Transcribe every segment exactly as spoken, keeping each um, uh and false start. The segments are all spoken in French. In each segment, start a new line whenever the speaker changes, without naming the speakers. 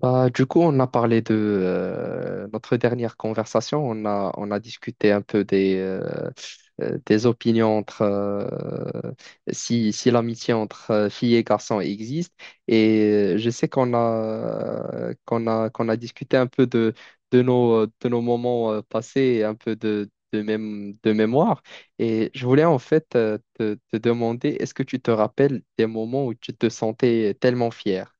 Bah, du coup, on a parlé de euh, notre dernière conversation. On a, on a discuté un peu des, euh, euh, des opinions entre euh, si, si l'amitié entre euh, filles et garçons existe. Et euh, je sais qu'on a, euh, qu'on a, qu'on a discuté un peu de, de nos, de nos moments euh, passés, un peu de, de, mém- de mémoire. Et je voulais en fait euh, te, te demander, est-ce que tu te rappelles des moments où tu te sentais tellement fier?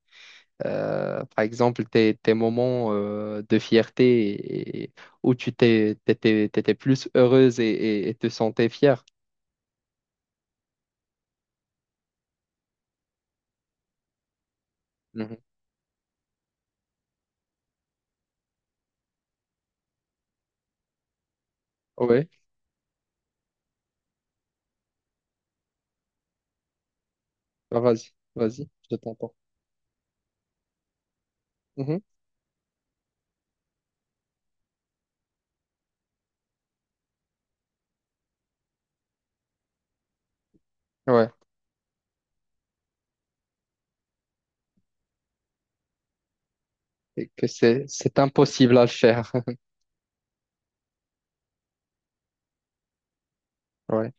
Euh, par exemple, tes, tes moments euh, de fierté et- et- où tu t'es, t'étais, t'étais plus heureuse et, et- et te sentais fière. Mhm. Ouais, bah, vas-y, vas-y, je t'entends. Mhm. Ouais, et que c'est, c'est impossible à le faire. Ouais.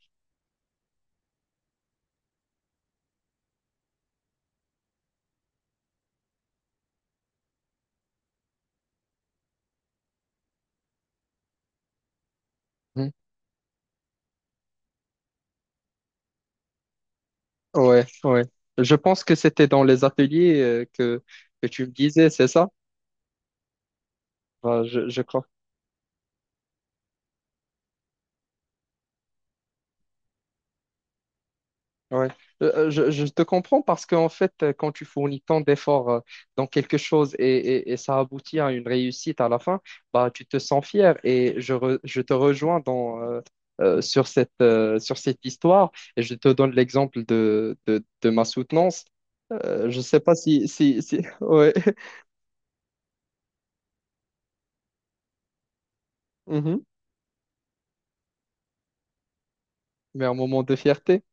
Mhm. Ouais, ouais. Je pense que c'était dans les ateliers euh, que, que tu me disais, c'est ça? Bah, je, je Ouais. Euh, euh, Je, je te comprends parce qu'en fait, euh, quand tu fournis tant d'efforts euh, dans quelque chose et, et- et ça aboutit à une réussite à la fin, bah, tu te sens fier et je, re- je te rejoins dans, euh, euh, sur cette, euh, sur cette histoire et je te donne l'exemple de, de, de ma soutenance. Euh, je ne sais pas si... si, si... Ouais. Mhm. Mais un moment de fierté.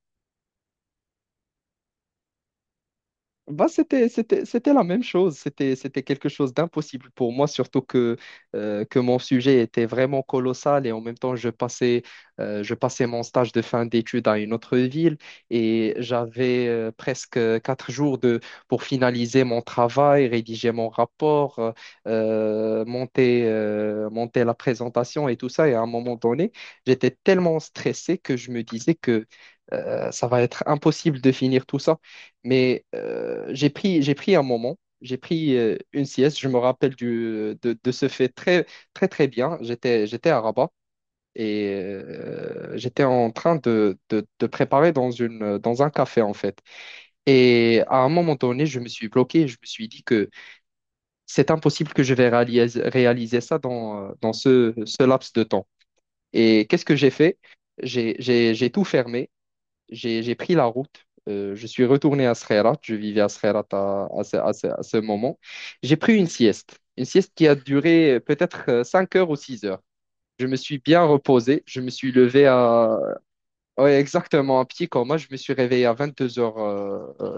Bah, c'était, c'était, c'était la même chose. C'était, c'était quelque chose d'impossible pour moi, surtout que, euh, que mon sujet était vraiment colossal et en même temps, je passais, euh, je passais mon stage de fin d'études à une autre ville et j'avais euh, presque quatre jours de, pour finaliser mon travail, rédiger mon rapport, euh, monter, euh, monter la présentation et tout ça. Et à un moment donné, j'étais tellement stressé que je me disais que euh, ça va être impossible de finir tout ça. Mais euh, j'ai pris, j'ai pris un moment, j'ai pris euh, une sieste. Je me rappelle du, de, de ce fait très, très, très bien. J'étais, j'étais à Rabat et euh, j'étais en train de, de, de préparer dans une, dans un café, en fait. Et à un moment donné, je me suis bloqué. Je me suis dit que c'est impossible que je vais réaliser, réaliser ça dans, euh, dans ce, ce laps de temps. Et qu'est-ce que j'ai fait? J'ai, j'ai, j'ai tout fermé, j'ai, j'ai pris la route. Euh, je suis retourné à Sreerat. Je vivais à Sreerat à, à ce, à ce- à ce moment. J'ai pris une sieste. Une sieste qui a duré euh, peut-être euh, cinq heures ou six heures. Je me suis bien reposé. Je me suis levé à... Ouais, exactement, un petit coma. Je me suis réveillé à vingt-deux heures euh,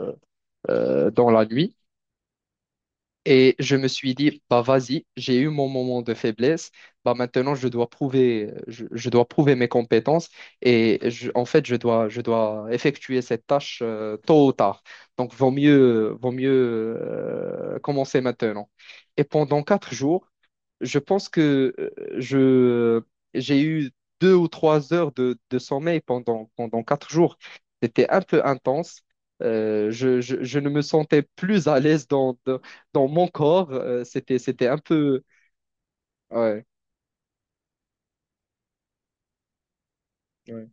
euh, dans la nuit. Et je me suis dit, bah vas-y, j'ai eu mon moment de faiblesse, bah maintenant je dois prouver, je, je dois prouver mes compétences et je- en fait je dois, je dois effectuer cette tâche euh, tôt ou tard. Donc vaut mieux, vaut mieux euh, commencer maintenant. Et pendant quatre jours, je pense que euh, je, j'ai eu deux ou trois heures de, de sommeil pendant, pendant quatre jours. C'était un peu intense. Euh, je, je, je ne me sentais plus à l'aise dans, dans, dans mon corps. Euh, c'était, c'était un peu... Ouais, ouais.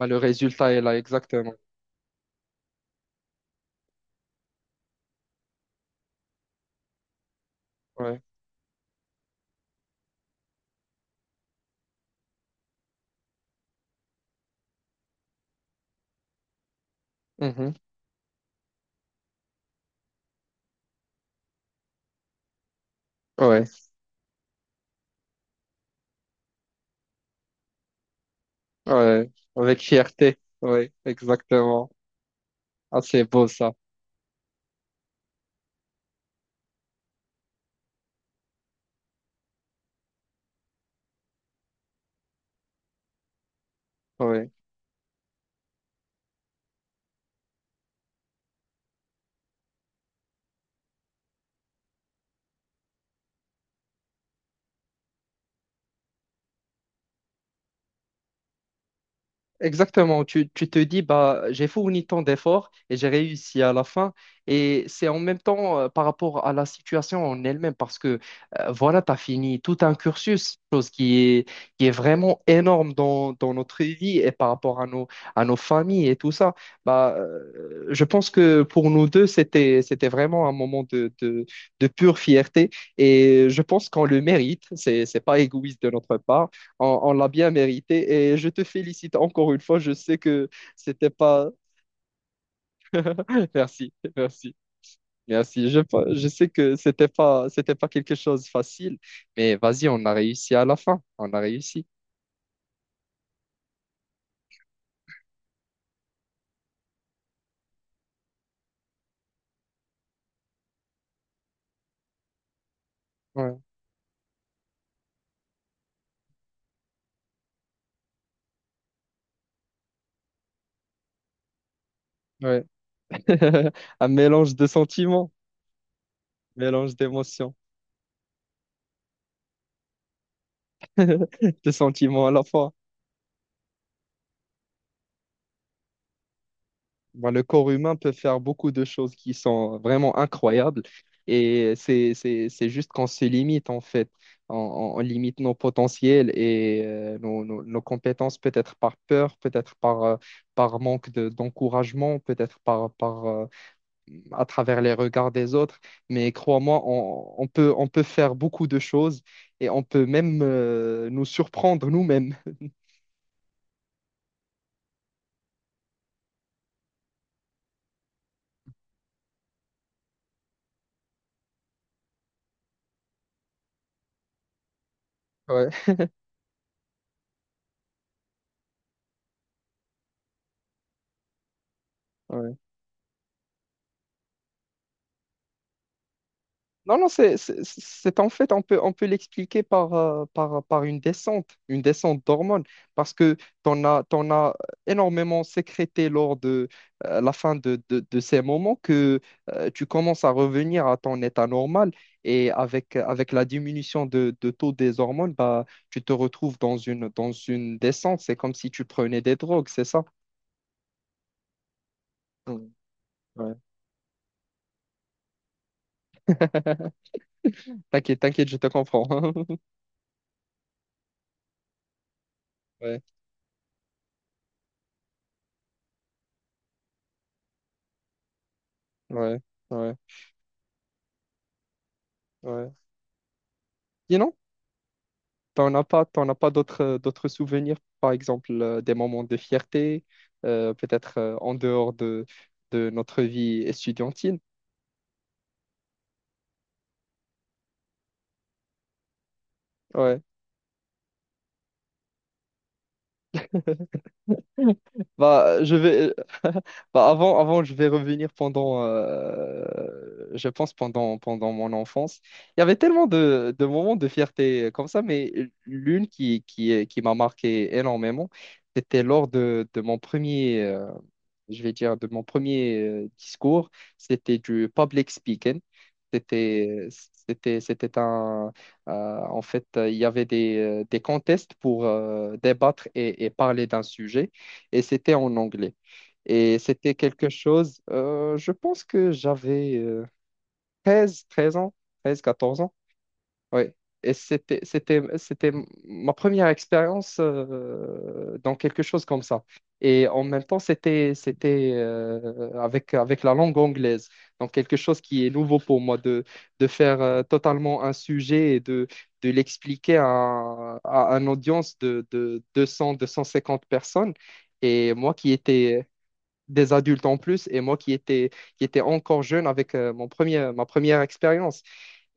Bah, le résultat est là, exactement. Ouais. Mhm. Ouais, ouais. Avec fierté. Ouais, exactement. Ah, c'est beau ça. Ouais. Exactement, tu, tu te dis, bah, j'ai fourni tant d'efforts et j'ai réussi à la fin. Et c'est en même temps euh, par rapport à la situation en elle-même, parce que euh, voilà, tu as fini tout un cursus, chose qui est, qui est vraiment énorme dans, dans notre vie et par rapport à nos, à nos familles et tout ça. Bah, euh, je pense que pour nous deux, c'était, c'était vraiment un moment de, de, de pure fierté et je pense qu'on le mérite. C'est, c'est pas égoïste de notre part. On, on l'a bien mérité et je te félicite encore une fois. Je sais que c'était pas. Merci, merci, Merci. Je, pa- je sais que c'était pas, c'était pas quelque chose de facile, mais vas-y, on a réussi à la fin. On a réussi. Ouais, ouais. Un mélange de sentiments, mélange d'émotions, de sentiments à la fois. Bah, le corps humain peut faire beaucoup de choses qui sont vraiment incroyables et c'est, c'est, c'est juste qu'on se limite en fait. On, on- on limite nos potentiels et euh, nos, nos- nos compétences peut-être par peur, peut-être par, euh, par manque de- d'encouragement, peut-être par, par, euh, à travers les regards des autres. Mais crois-moi, on, on peut, on peut faire beaucoup de choses et on peut même euh, nous surprendre nous-mêmes. Ouais. Non, non, c'est c'est- c'est en fait, on peut, on peut l'expliquer par, euh, par, par une descente, une descente d'hormones, parce que t'en as, t'en as énormément sécrété lors de euh, la fin de, de, de ces moments que euh, tu commences à revenir à ton état normal et avec, avec la diminution de, de taux des hormones, bah, tu te retrouves dans une, dans une descente. C'est comme si tu prenais des drogues, c'est ça? Mm, ouais. T'inquiète, t'inquiète, je te comprends. Ouais, ouais, ouais, ouais. Sinon? T'en as pas, t'en as pas d'autres euh, d'autres souvenirs, par exemple euh, des moments de fierté, euh, peut-être euh, en dehors de, de notre vie estudiantine. Ouais. Bah, je vais, bah, avant, avant, je vais revenir pendant, euh, je pense pendant, pendant mon enfance. Il y avait tellement de, de moments de fierté euh, comme ça, mais l'une qui, qui, qui m'a marqué énormément, c'était lors de, de mon premier, euh, je vais dire, de mon premier euh, discours, c'était du public speaking. C'était, c'était, C'était un, euh, en fait, euh, il y avait des, euh, des contests pour euh, débattre et, et parler d'un sujet, et c'était en anglais. Et c'était quelque chose, euh, je pense que j'avais euh, treize 13 ans, treize quatorze ans. Oui, et c'était, c'était, c'était ma première expérience euh, dans quelque chose comme ça. Et en même temps, c'était, c'était euh, avec, avec la langue anglaise. Donc, quelque chose qui est nouveau pour moi, de, de faire euh, totalement un sujet et de, de l'expliquer à, à une audience de, de deux cents deux cent cinquante personnes. Et moi qui étais des adultes en plus, et moi qui étais, qui était encore jeune avec euh, mon premier, ma première expérience.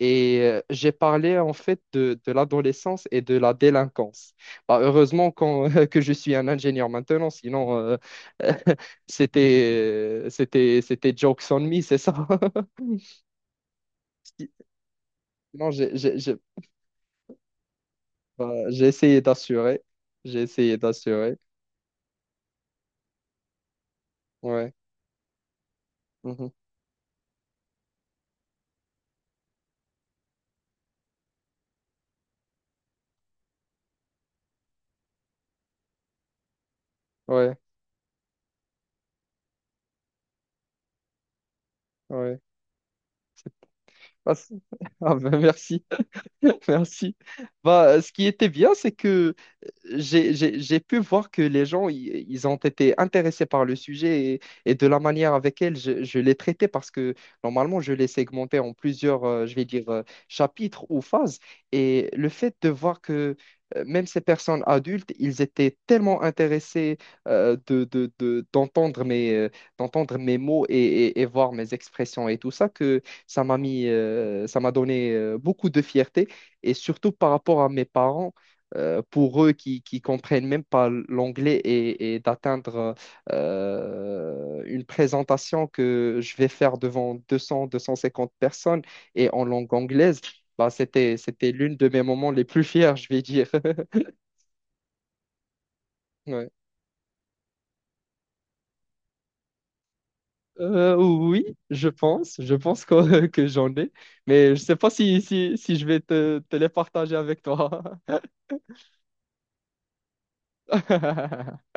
Et euh, j'ai parlé en fait de, de l'adolescence et de la délinquance. Bah, heureusement qu'on- que je suis un ingénieur maintenant, sinon euh, c'était, euh, c'était, c'était jokes on me, c'est ça? Sinon, j'ai j'ai- j'ai- bah, j'ai essayé d'assurer. J'ai essayé d'assurer. Ouais. Mhm. Ouais. Ouais. Bah, Ah, ben merci. Merci. Bah, ce qui était bien, c'est que j'ai j'ai- j'ai pu voir que les gens, i- ils ont été intéressés par le sujet et, et de la manière avec elle je, je l'ai traité parce que normalement, je l'ai segmenté en plusieurs, euh, je vais dire, euh, chapitres ou phases. Et le fait de voir que euh, même ces personnes adultes, ils étaient tellement intéressés euh, de, de- de- d'entendre mes, euh, d'entendre mes mots et, et- et voir mes expressions et tout ça, que ça m'a mis, euh, ça m'a donné euh, beaucoup de fierté. Et surtout par rapport à mes parents euh, pour eux qui qui comprennent même pas l'anglais et, et d'atteindre euh, une présentation que je vais faire devant deux cents, deux cent cinquante personnes et en langue anglaise, bah, c'était, c'était l'une de mes moments les plus fiers, je vais dire. Ouais. Euh, oui, je pense, je pense que, que j'en ai, mais je sais pas si, si, si je vais te, te les partager avec toi.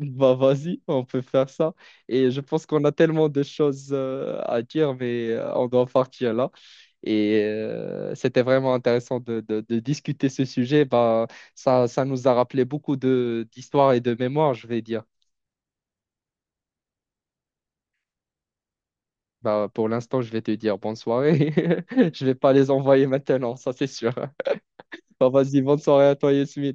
Bah vas-y, on peut faire ça. Et je pense qu'on a tellement de choses euh, à dire, mais euh, on doit partir là. Et euh, c'était vraiment intéressant de, de- de discuter ce sujet. Bah, ça, ça nous a rappelé beaucoup de d'histoires et de mémoires, je vais dire. Bah, pour l'instant, je vais te dire bonne soirée. Je vais pas les envoyer maintenant, ça c'est sûr. Bah vas-y, bonne soirée à toi, Yasmine.